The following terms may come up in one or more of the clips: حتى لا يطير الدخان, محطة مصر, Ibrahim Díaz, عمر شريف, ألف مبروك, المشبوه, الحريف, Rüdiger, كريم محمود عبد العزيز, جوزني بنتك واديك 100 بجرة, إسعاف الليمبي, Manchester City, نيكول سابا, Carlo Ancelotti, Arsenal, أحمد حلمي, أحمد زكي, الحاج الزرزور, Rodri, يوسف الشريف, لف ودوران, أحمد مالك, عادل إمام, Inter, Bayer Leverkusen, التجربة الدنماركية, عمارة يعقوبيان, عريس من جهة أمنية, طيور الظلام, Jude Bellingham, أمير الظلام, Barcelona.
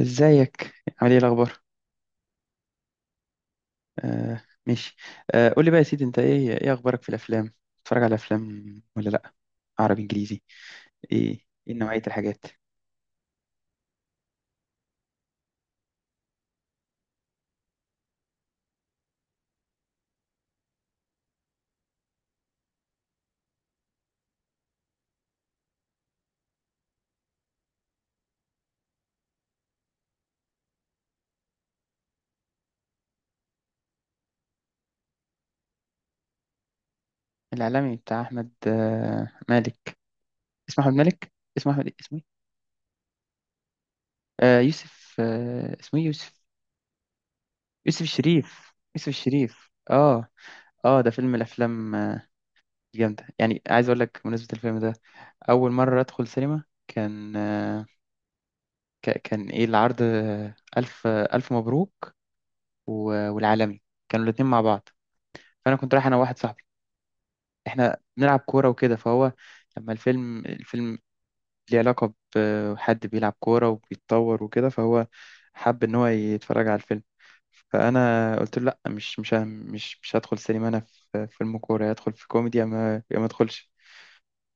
ازيك، عامل ايه الاخبار؟ آه، ماشي. آه، قول لي بقى يا سيدي، انت ايه اخبارك في الافلام؟ بتتفرج على افلام ولا لا؟ عربي، انجليزي؟ ايه نوعية الحاجات؟ الاعلامي بتاع احمد، مالك؟ اسمه احمد مالك؟ اسمه احمد ايه؟ اسمه ايه؟ آه، يوسف، اسمه ايه، يوسف؟ يوسف الشريف، يوسف الشريف، اه. اه، ده فيلم من الافلام، الجامدة. يعني عايز اقول لك بمناسبة الفيلم ده، اول مرة ادخل سينما كان ايه العرض، آه، الف مبروك والعالمي، كانوا الاتنين مع بعض. فانا كنت رايح انا وواحد صاحبي، احنا بنلعب كوره وكده، فهو لما الفيلم ليه علاقه بحد بيلعب كوره وبيتطور وكده، فهو حب ان هو يتفرج على الفيلم. فانا قلت له لا، مش مش ه- مش مش هدخل سينما انا، في فيلم كوره؟ يا ادخل في كوميدي يا ما يا ما ادخلش.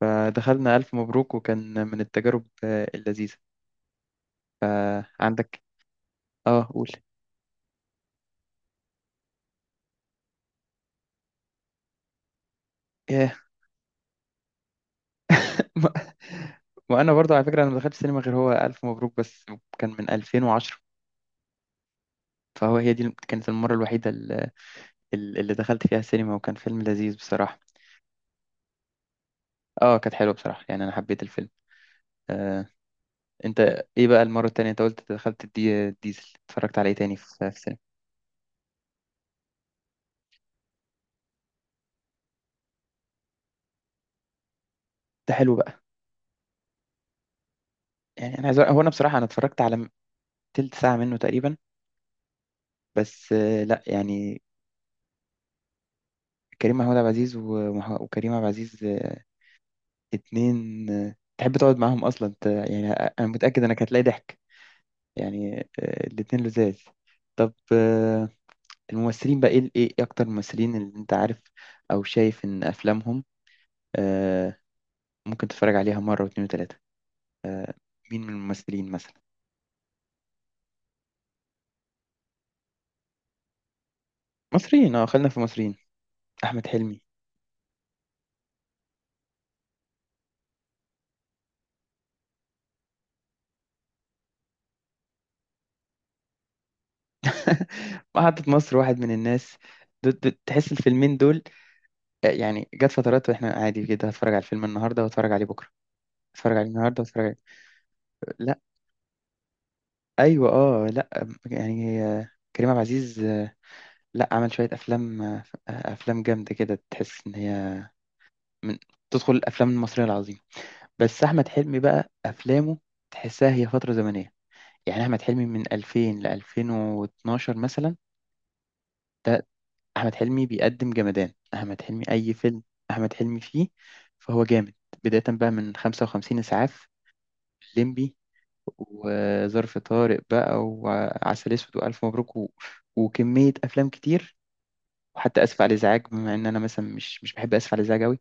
فدخلنا الف مبروك وكان من التجارب اللذيذه، فعندك... اه، قول. ما وانا برضه على فكره، انا ما دخلتش سينما غير هو الف مبروك بس، كان من 2010. فهو هي دي كانت المره الوحيده اللي دخلت فيها السينما، وكان فيلم لذيذ بصراحه. اه، كانت حلوه بصراحه، يعني انا حبيت الفيلم. آه، انت، ايه بقى المره التانية؟ انت قلت دخلت ديزل، اتفرجت عليه تاني في السينما؟ ده حلو بقى. يعني هو انا بصراحه انا اتفرجت تلت ساعه منه تقريبا، بس لا يعني، كريم محمود عبد العزيز وكريم عبد العزيز، اتنين، تحب تقعد معاهم اصلا يعني انا متاكد انك هتلاقي ضحك. يعني الاتنين لذاذ. طب، الممثلين بقى، ايه اكتر الممثلين اللي انت عارف او شايف ان افلامهم آه، ممكن تتفرج عليها مرة واتنين وتلاتة؟ مين من الممثلين مثلا؟ مصريين، اه، خلينا في مصريين. احمد حلمي. محطة مصر، واحد من الناس، تحس الفيلمين دول، يعني جت فترات واحنا عادي كده هتفرج على الفيلم النهارده واتفرج عليه بكره، اتفرج عليه النهارده واتفرج عليه. لا، ايوه، اه، لا يعني، كريم عبد العزيز، لا عمل شوية أفلام، أفلام جامدة كده، تحس إن هي من تدخل الأفلام المصرية العظيمة. بس أحمد حلمي بقى، أفلامه تحسها هي فترة زمنية. يعني أحمد حلمي من 2000 ل 2012 مثلا، ده أحمد حلمي بيقدم جمدان، أحمد حلمي أي فيلم أحمد حلمي فيه فهو جامد. بداية بقى من 55 إسعاف، الليمبي، وظرف طارق بقى، وعسل أسود، وألف مبروك، وكمية أفلام كتير، وحتى اسف على الازعاج. بما ان انا مثلا مش بحب اسف على الازعاج قوي،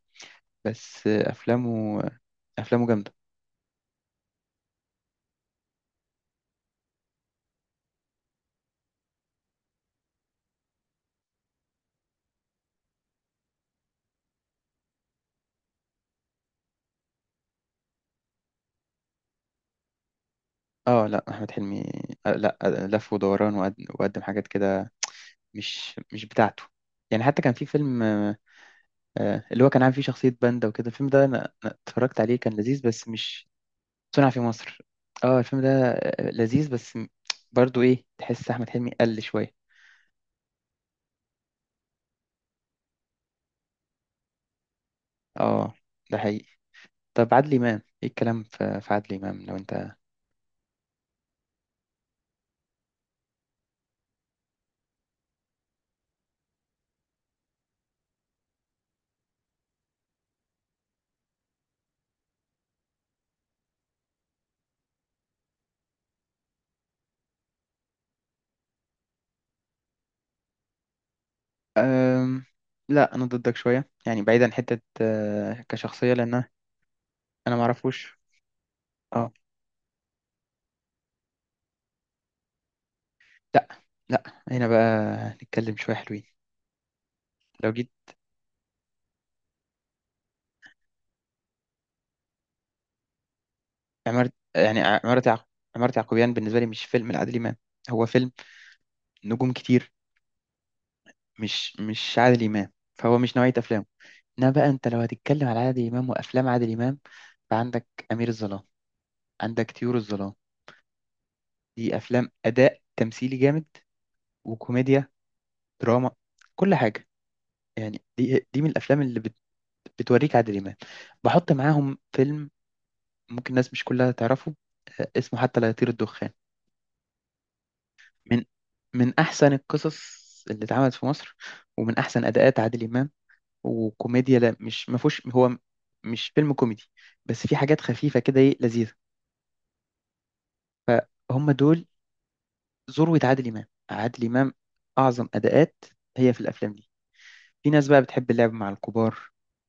بس افلامه جامده. اه لا، احمد حلمي لا لف ودوران، وقدم حاجات كده مش بتاعته. يعني حتى كان في فيلم، اللي هو كان عامل فيه شخصيه باندا وكده، الفيلم ده انا اتفرجت عليه كان لذيذ بس مش... صنع في مصر. اه، الفيلم ده لذيذ بس برضو ايه، تحس احمد حلمي قل شويه. اه، ده حقيقي. طب عادل امام، ايه الكلام في عادل امام لو انت... أم... لا، انا ضدك شويه، يعني بعيدا عن حته كشخصيه، لان انا أنا ما اعرفوش. اه لا، لا هنا بقى نتكلم شويه حلوين. لو جيت يعني عمارة يعقوب... عمارة يعقوبيان بالنسبه لي مش فيلم لعادل امام، هو فيلم نجوم كتير، مش عادل امام، فهو مش نوعيه افلامه. انما بقى انت لو هتتكلم على عادل امام وافلام عادل امام، فعندك امير الظلام، عندك طيور الظلام. دي افلام اداء تمثيلي جامد، وكوميديا، دراما، كل حاجه. يعني دي من الافلام اللي بتوريك عادل إمام. بحط معاهم فيلم ممكن الناس مش كلها تعرفه، اسمه حتى لا يطير الدخان. من من أحسن القصص اللي اتعملت في مصر، ومن أحسن أداءات عادل إمام. وكوميديا، لا مش ما فيهوش، هو مش فيلم كوميدي، بس في حاجات خفيفة كده، إيه، لذيذة. هم دول ذروة عادل إمام، عادل إمام أعظم أداءات هي في الأفلام دي. في ناس بقى بتحب اللعب مع الكبار،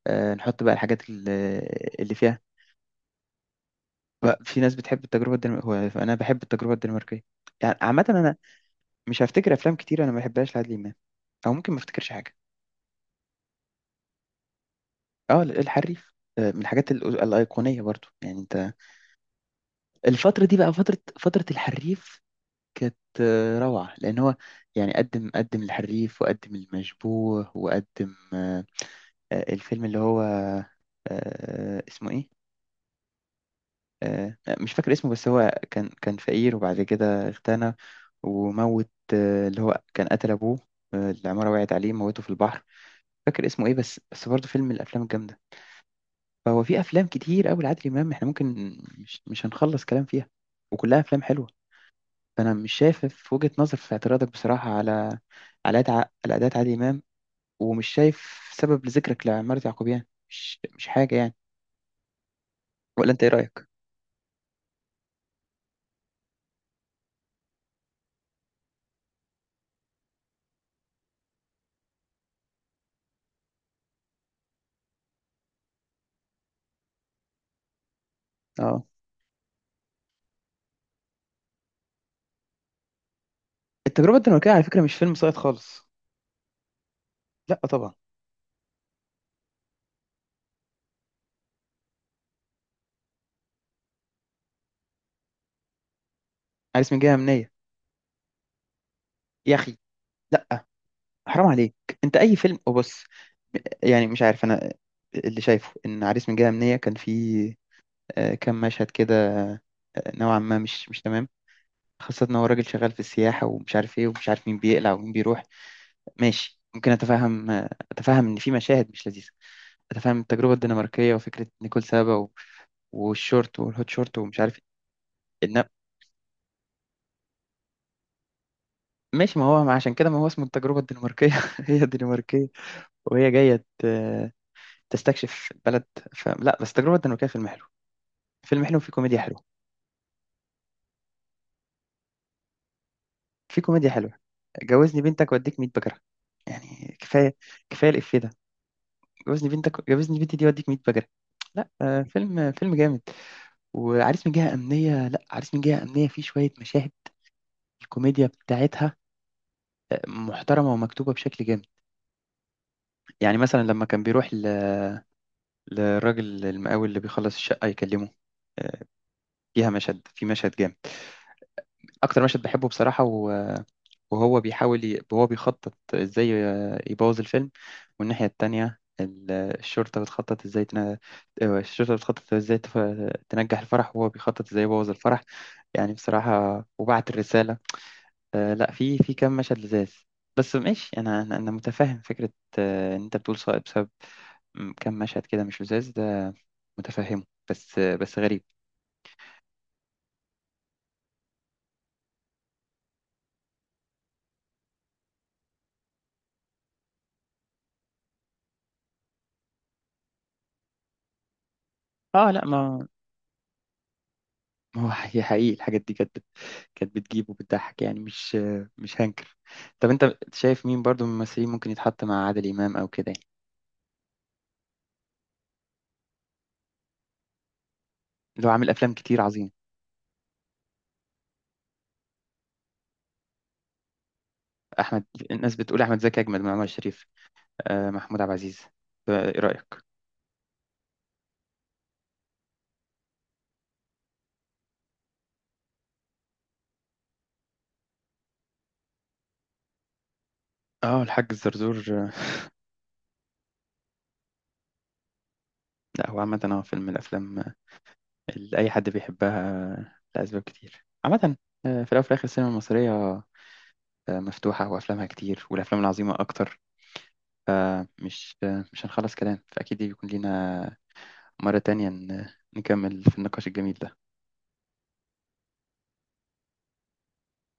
نحط بقى الحاجات اللي فيها... بقى في ناس بتحب التجربة الدنماركية. هو أنا بحب التجربة الدنماركية، يعني عامة أنا مش هفتكر أفلام كتير أنا ما بحبهاش لعادل إمام، أو ممكن ما افتكرش حاجة. أه، الحريف، من الحاجات الأيقونية برضو يعني، أنت الفترة دي بقى فترة الحريف، كانت روعة، لأن هو يعني قدم الحريف، وقدم المشبوه، وقدم الفيلم اللي هو اسمه إيه، مش فاكر اسمه، بس هو كان فقير وبعد كده اغتنى، وموت اللي هو كان قتل أبوه، العمارة وقعت عليه، موته في البحر. فاكر اسمه إيه، بس برضه فيلم من الأفلام الجامدة. فهو في أفلام كتير أوي لعادل إمام، إحنا ممكن مش هنخلص كلام فيها، وكلها أفلام حلوة. فأنا مش شايف في وجهة نظر في اعتراضك بصراحة على على أدع- على أداء عادل إمام، ومش شايف سبب لذكرك لعمارة يعقوبيان، مش حاجة يعني. ولا أنت إيه رأيك؟ أه. التجربة الدنماركية على فكرة مش فيلم ساقط خالص. لا طبعا. عريس من جهة أمنية؟ يا أخي لا، حرام عليك. أنت أي فيلم... وبص، يعني مش عارف أنا، اللي شايفه إن عريس من جهة أمنية كان فيه كام مشهد كده نوعا ما مش تمام، خاصة إن هو راجل شغال في السياحة ومش عارف إيه ومش عارف مين بيقلع ومين بيروح. ماشي، ممكن أتفهم، أتفهم إن في مشاهد مش لذيذة، أتفهم التجربة الدنماركية وفكرة نيكول سابا والشورت والهوت شورت، ومش عارف إيه. إن ماشي، ما هو ما عشان كده ما هو اسمه التجربة الدنماركية. هي دنماركية وهي جاية تستكشف البلد، فلا بس، تجربة دنماركية فيلم حلو، فيلم حلو وفيه كوميديا حلوة. في كوميديا حلوة، جوزني بنتك واديك 100 بجرة، يعني كفاية كفاية الإفيه ده، جوزني بنتك، جوزني بنتي دي واديك 100 بجرة. لا، فيلم جامد. وعريس من جهة أمنية، لا عريس من جهة أمنية فيه شوية مشاهد الكوميديا بتاعتها محترمة ومكتوبة بشكل جامد. يعني مثلا لما كان بيروح للراجل المقاول اللي بيخلص الشقة يكلمه، آه، فيها مشهد، في مشهد جامد، اكتر مشهد بحبه بصراحه وهو بيحاول وهو بيخطط ازاي يبوظ الفيلم، والناحيه التانية الشرطه بتخطط ازاي الشرطه بتخطط ازاي تف... تنجح الفرح، وهو بيخطط ازاي يبوظ الفرح، يعني بصراحه وبعت الرساله. لا، في كام مشهد لذاذ. بس ماشي، انا متفهم فكره، ان انت بتقول صائب بسبب كام مشهد كده مش لذاذ، ده متفهمه. بس غريب. اه لا، ما هو هي حقيقي الحاجات دي كانت بتجيب وبتضحك، يعني مش هنكر. طب انت شايف مين برضو من الممثلين ممكن يتحط مع عادل امام او كده يعني، اللي هو عامل افلام كتير عظيمه؟ احمد... الناس بتقول احمد زكي اجمد من عمر شريف. آه محمود عبد العزيز، ايه رايك؟ اه الحاج الزرزور، لا هو عامه هو فيلم من الافلام اللي اي حد بيحبها لاسباب كتير عامه. في الاول وفي الاخر السينما المصريه مفتوحه وافلامها كتير والافلام العظيمه اكتر، فمش آه، مش هنخلص كلام، فاكيد بيكون لينا مرة تانية نكمل في النقاش الجميل ده.